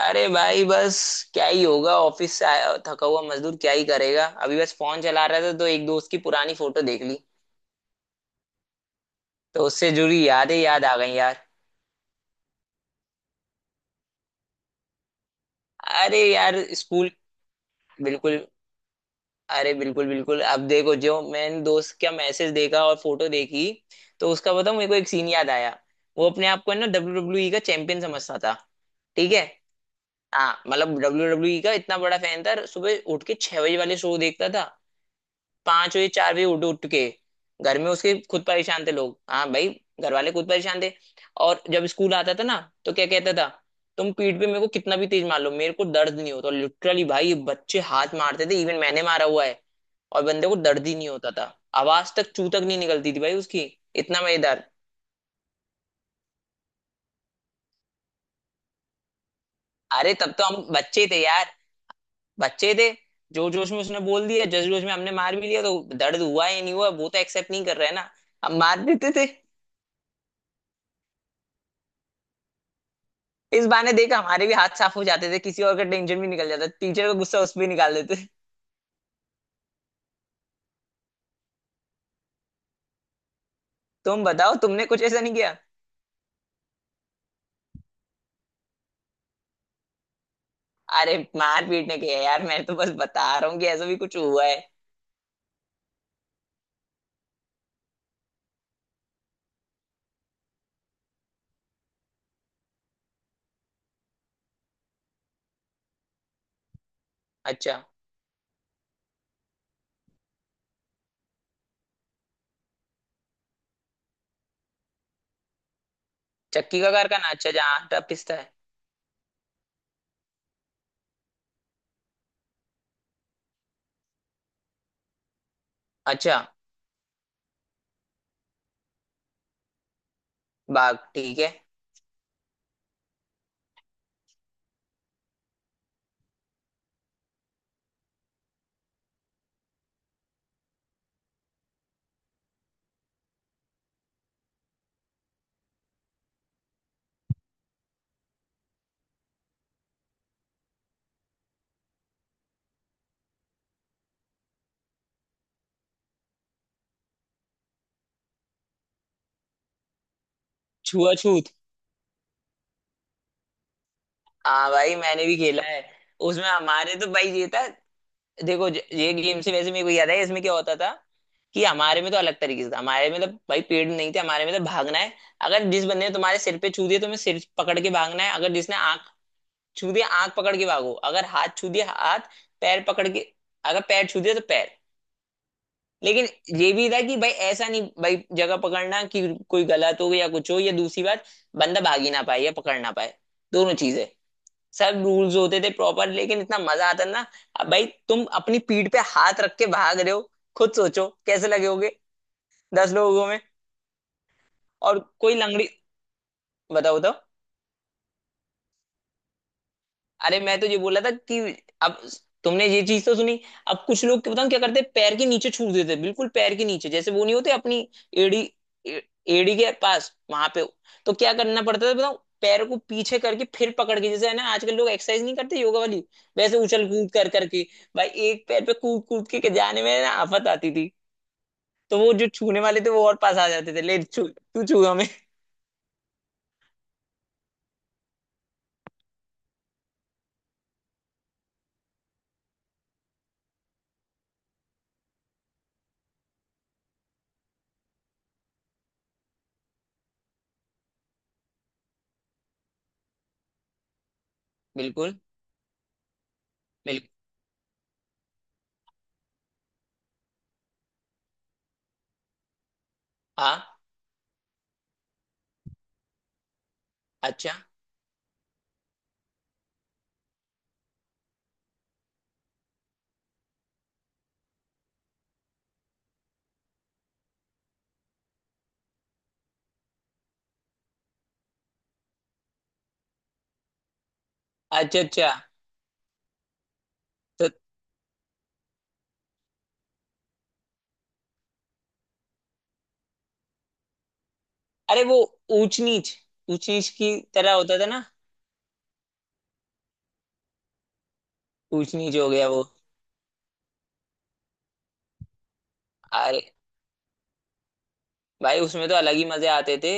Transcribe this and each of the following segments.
अरे भाई बस। क्या ही होगा, ऑफिस से आया थका हुआ मजदूर क्या ही करेगा। अभी बस फोन चला रहा था तो एक दोस्त की पुरानी फोटो देख ली तो उससे जुड़ी यादें याद आ गई यार। अरे यार स्कूल। बिल्कुल। अरे बिल्कुल बिल्कुल, अब देखो, जो मैंने दोस्त का मैसेज देखा और फोटो देखी तो उसका बताऊं, मेरे को एक सीन याद आया। वो अपने आप को है ना डब्ल्यू डब्ल्यू ई का चैंपियन समझता था। ठीक है। हाँ मतलब डब्ल्यू डब्ल्यू ई का इतना बड़ा फैन था, सुबह उठ के 6 बजे वाले शो देखता था। 5 बजे, 4 बजे उठ उठ के घर में उसके खुद परेशान थे लोग। हाँ भाई, घर वाले खुद परेशान थे। और जब स्कूल आता था ना तो क्या कहता था, तुम पीठ पे मेरे को कितना भी तेज मार लो मेरे को दर्द नहीं होता। लिटरली भाई, ये बच्चे हाथ मारते थे, इवन मैंने मारा हुआ है और बंदे को दर्द ही नहीं होता था। आवाज तक चू तक नहीं निकलती थी भाई उसकी, इतना मजेदार। अरे तब तो हम बच्चे थे यार, बच्चे थे, जोर जोश में उसने बोल दिया, जस जोश में हमने मार भी लिया तो दर्द हुआ या नहीं हुआ वो तो एक्सेप्ट नहीं कर रहा है ना, हम मार देते थे। इस बहाने देख हमारे भी हाथ साफ हो जाते थे, किसी और का टेंशन भी निकल जाता, टीचर का गुस्सा उस पे निकाल देते। तुम बताओ, तुमने कुछ ऐसा नहीं किया? अरे मार पीट ने किया यार, मैं तो बस बता रहा हूँ कि ऐसा भी कुछ हुआ है। अच्छा। चक्की का कारखाना, अच्छा, जहाँ आटा पिसता है। अच्छा। बाघ ठीक है। छुआछूत। हाँ भाई मैंने भी खेला है। उसमें हमारे तो भाई ये था, देखो ये गेम से वैसे मेरे को याद है इसमें क्या होता था, कि हमारे में तो अलग तरीके से था। हमारे में तो भाई पेड़ नहीं थे, हमारे में तो भागना है। अगर जिस बंदे ने तुम्हारे सिर पे छू दिया तो तुम्हें सिर पकड़ के भागना है। अगर जिसने आंख छू दिया आंख पकड़ के भागो। अगर हाथ छू दिया हाथ पैर पकड़ के। अगर पैर छू दिया तो पैर। लेकिन ये भी था कि भाई ऐसा नहीं, भाई जगह पकड़ना कि कोई गलत हो या कुछ हो, या दूसरी बात बंदा भाग ही ना पाए या पकड़ ना पाए, दोनों चीजें। सब रूल्स होते थे प्रॉपर, लेकिन इतना मजा आता ना। अब भाई तुम अपनी पीठ पे हाथ रख के भाग रहे हो, खुद सोचो कैसे लगे होगे 10 लोगों में। और कोई लंगड़ी? बताओ बताओ। अरे मैं तो ये बोला था कि अब तुमने ये चीज तो सुनी। अब कुछ लोग, क्या बताऊं, क्या करते हैं, पैर के नीचे छू देते हैं। बिल्कुल पैर के नीचे, जैसे वो नहीं होते अपनी एड़ी, ए- एड़ी के पास वहां पे। तो क्या करना पड़ता था बताऊं, पैर को पीछे करके फिर पकड़ के, जैसे है ना आजकल लोग एक्सरसाइज नहीं करते योगा वाली, वैसे उछल कूद कर करके। भाई एक पैर पे कूद कूद के जाने में ना आफत आती थी। तो वो जो छूने वाले थे वो और पास आ जाते थे, ले छू तू छू हमें। बिल्कुल बिल्कुल। हाँ। अच्छा अच्छा। अच्छा। तो अरे वो ऊंच नीच, ऊंच नीच की तरह होता था ना। ऊंच नीच हो गया वो। अरे भाई उसमें तो अलग ही मजे आते थे।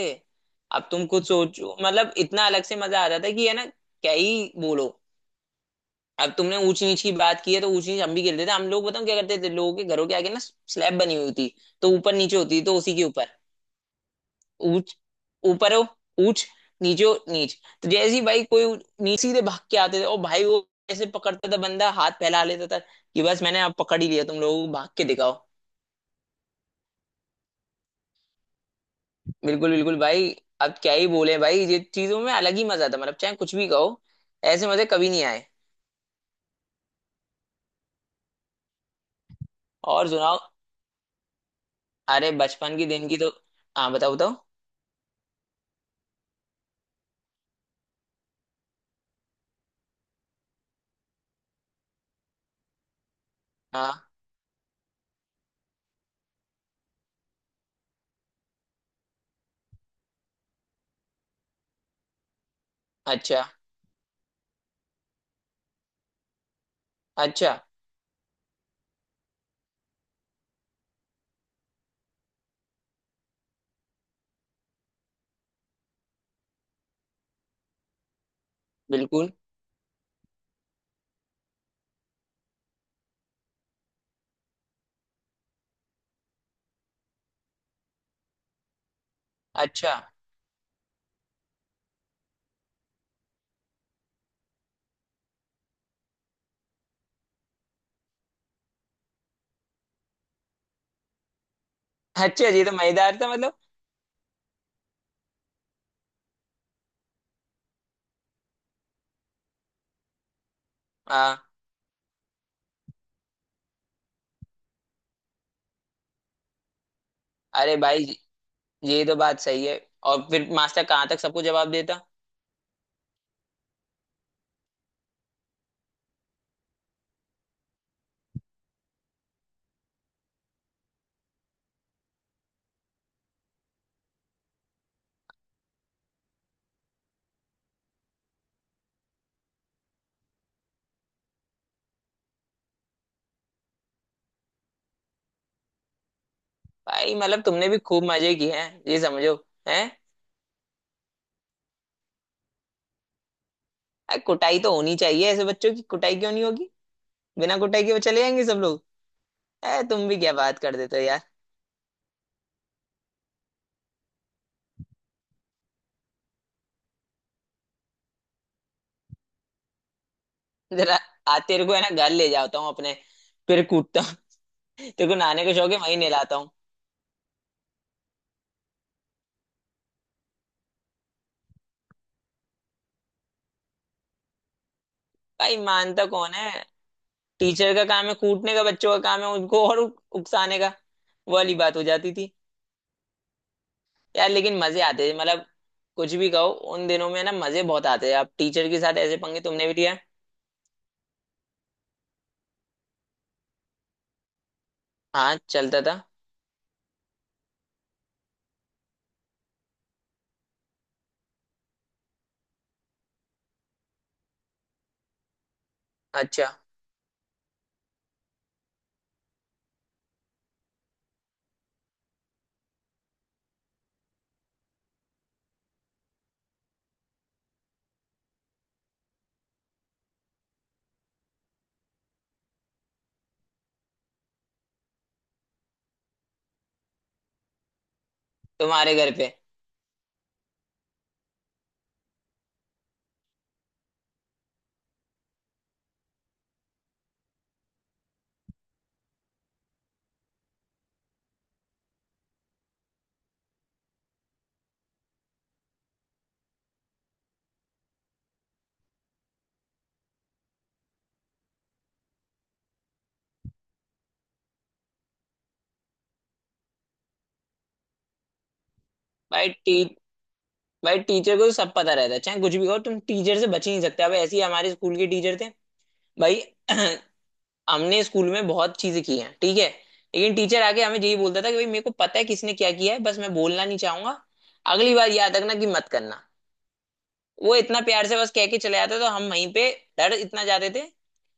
अब तुम कुछ सोचो, मतलब इतना अलग से मजा आता था, कि है ना, क्या ही बोलो। अब तुमने ऊंच नीच की बात की है तो ऊंच नीच हम भी खेलते थे। हम लोग बताओ क्या करते थे, लोगों के घरों के आगे ना स्लैब बनी हुई थी, तो ऊपर नीचे होती थी, तो उसी के ऊपर ऊंच, ऊपर हो ऊंच, नीचे हो नीच। तो जैसे ही भाई कोई नीचे सीधे भाग के आते थे, और भाई वो ऐसे पकड़ता था, बंदा हाथ फैला लेता था कि बस मैंने अब पकड़ ही लिया, तुम लोगों को भाग के दिखाओ। बिल्कुल बिल्कुल भाई। अब क्या ही बोले भाई, ये चीजों में अलग ही मजा था, मतलब चाहे कुछ भी कहो, ऐसे मजे कभी नहीं आए। और सुनाओ? अरे बचपन के दिन की तो, हाँ बताओ बताओ। हाँ। अच्छा। अच्छा। बिल्कुल। अच्छा। अच्छा ये तो मजेदार था मतलब। हाँ। अरे भाई ये तो बात सही है, और फिर मास्टर कहाँ तक सबको जवाब देता। भाई मतलब तुमने भी खूब मजे किए हैं ये समझो, हैं? अरे कुटाई तो होनी चाहिए ऐसे बच्चों की, कुटाई क्यों नहीं होगी? बिना कुटाई के वो चले जाएंगे सब लोग। अरे तुम भी क्या बात कर देते हो यार। जरा आ, तेरे को है ना घर ले जाता हूँ अपने, फिर कूटता हूँ। तेरे को नहाने का शौक है, वहीं नहलाता हूँ। भाई मानता कौन है? टीचर का काम है कूटने का, बच्चों का काम है उनको और उकसाने का, वो वाली बात हो जाती थी। यार लेकिन मजे आते थे, मतलब कुछ भी कहो, उन दिनों में ना मजे बहुत आते थे। आप टीचर के साथ ऐसे पंगे तुमने भी लिया? हाँ चलता था। अच्छा, तुम्हारे घर पे। भाई टी भाई टीचर को तो सब पता रहता है, चाहे कुछ भी कहो, तुम टीचर से बच ही नहीं सकते। अब ऐसे ही हमारे स्कूल के टीचर थे भाई। हमने स्कूल में बहुत चीजें की हैं, ठीक है, लेकिन टीचर आके हमें यही बोलता था कि भाई मेरे को पता है किसने क्या किया है, बस मैं बोलना नहीं चाहूंगा, अगली बार याद रखना कि मत करना। वो इतना प्यार से बस कह के चले जाता, तो हम वहीं पे डर इतना जाते थे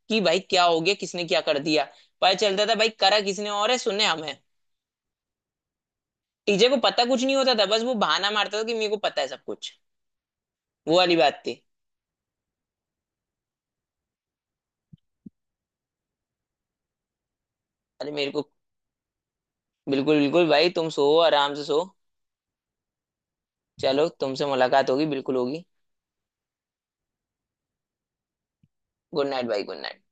कि भाई क्या हो गया, किसने क्या कर दिया। पता चलता था भाई करा किसने, और है सुने हमें। टीचर को पता कुछ नहीं होता था, बस वो बहाना मारता था कि मेरे को पता है सब कुछ। वो वाली बात थी। अरे मेरे को, बिल्कुल बिल्कुल भाई, तुम सो, आराम से सो। चलो तुमसे मुलाकात होगी, बिल्कुल होगी। गुड नाइट भाई, गुड नाइट।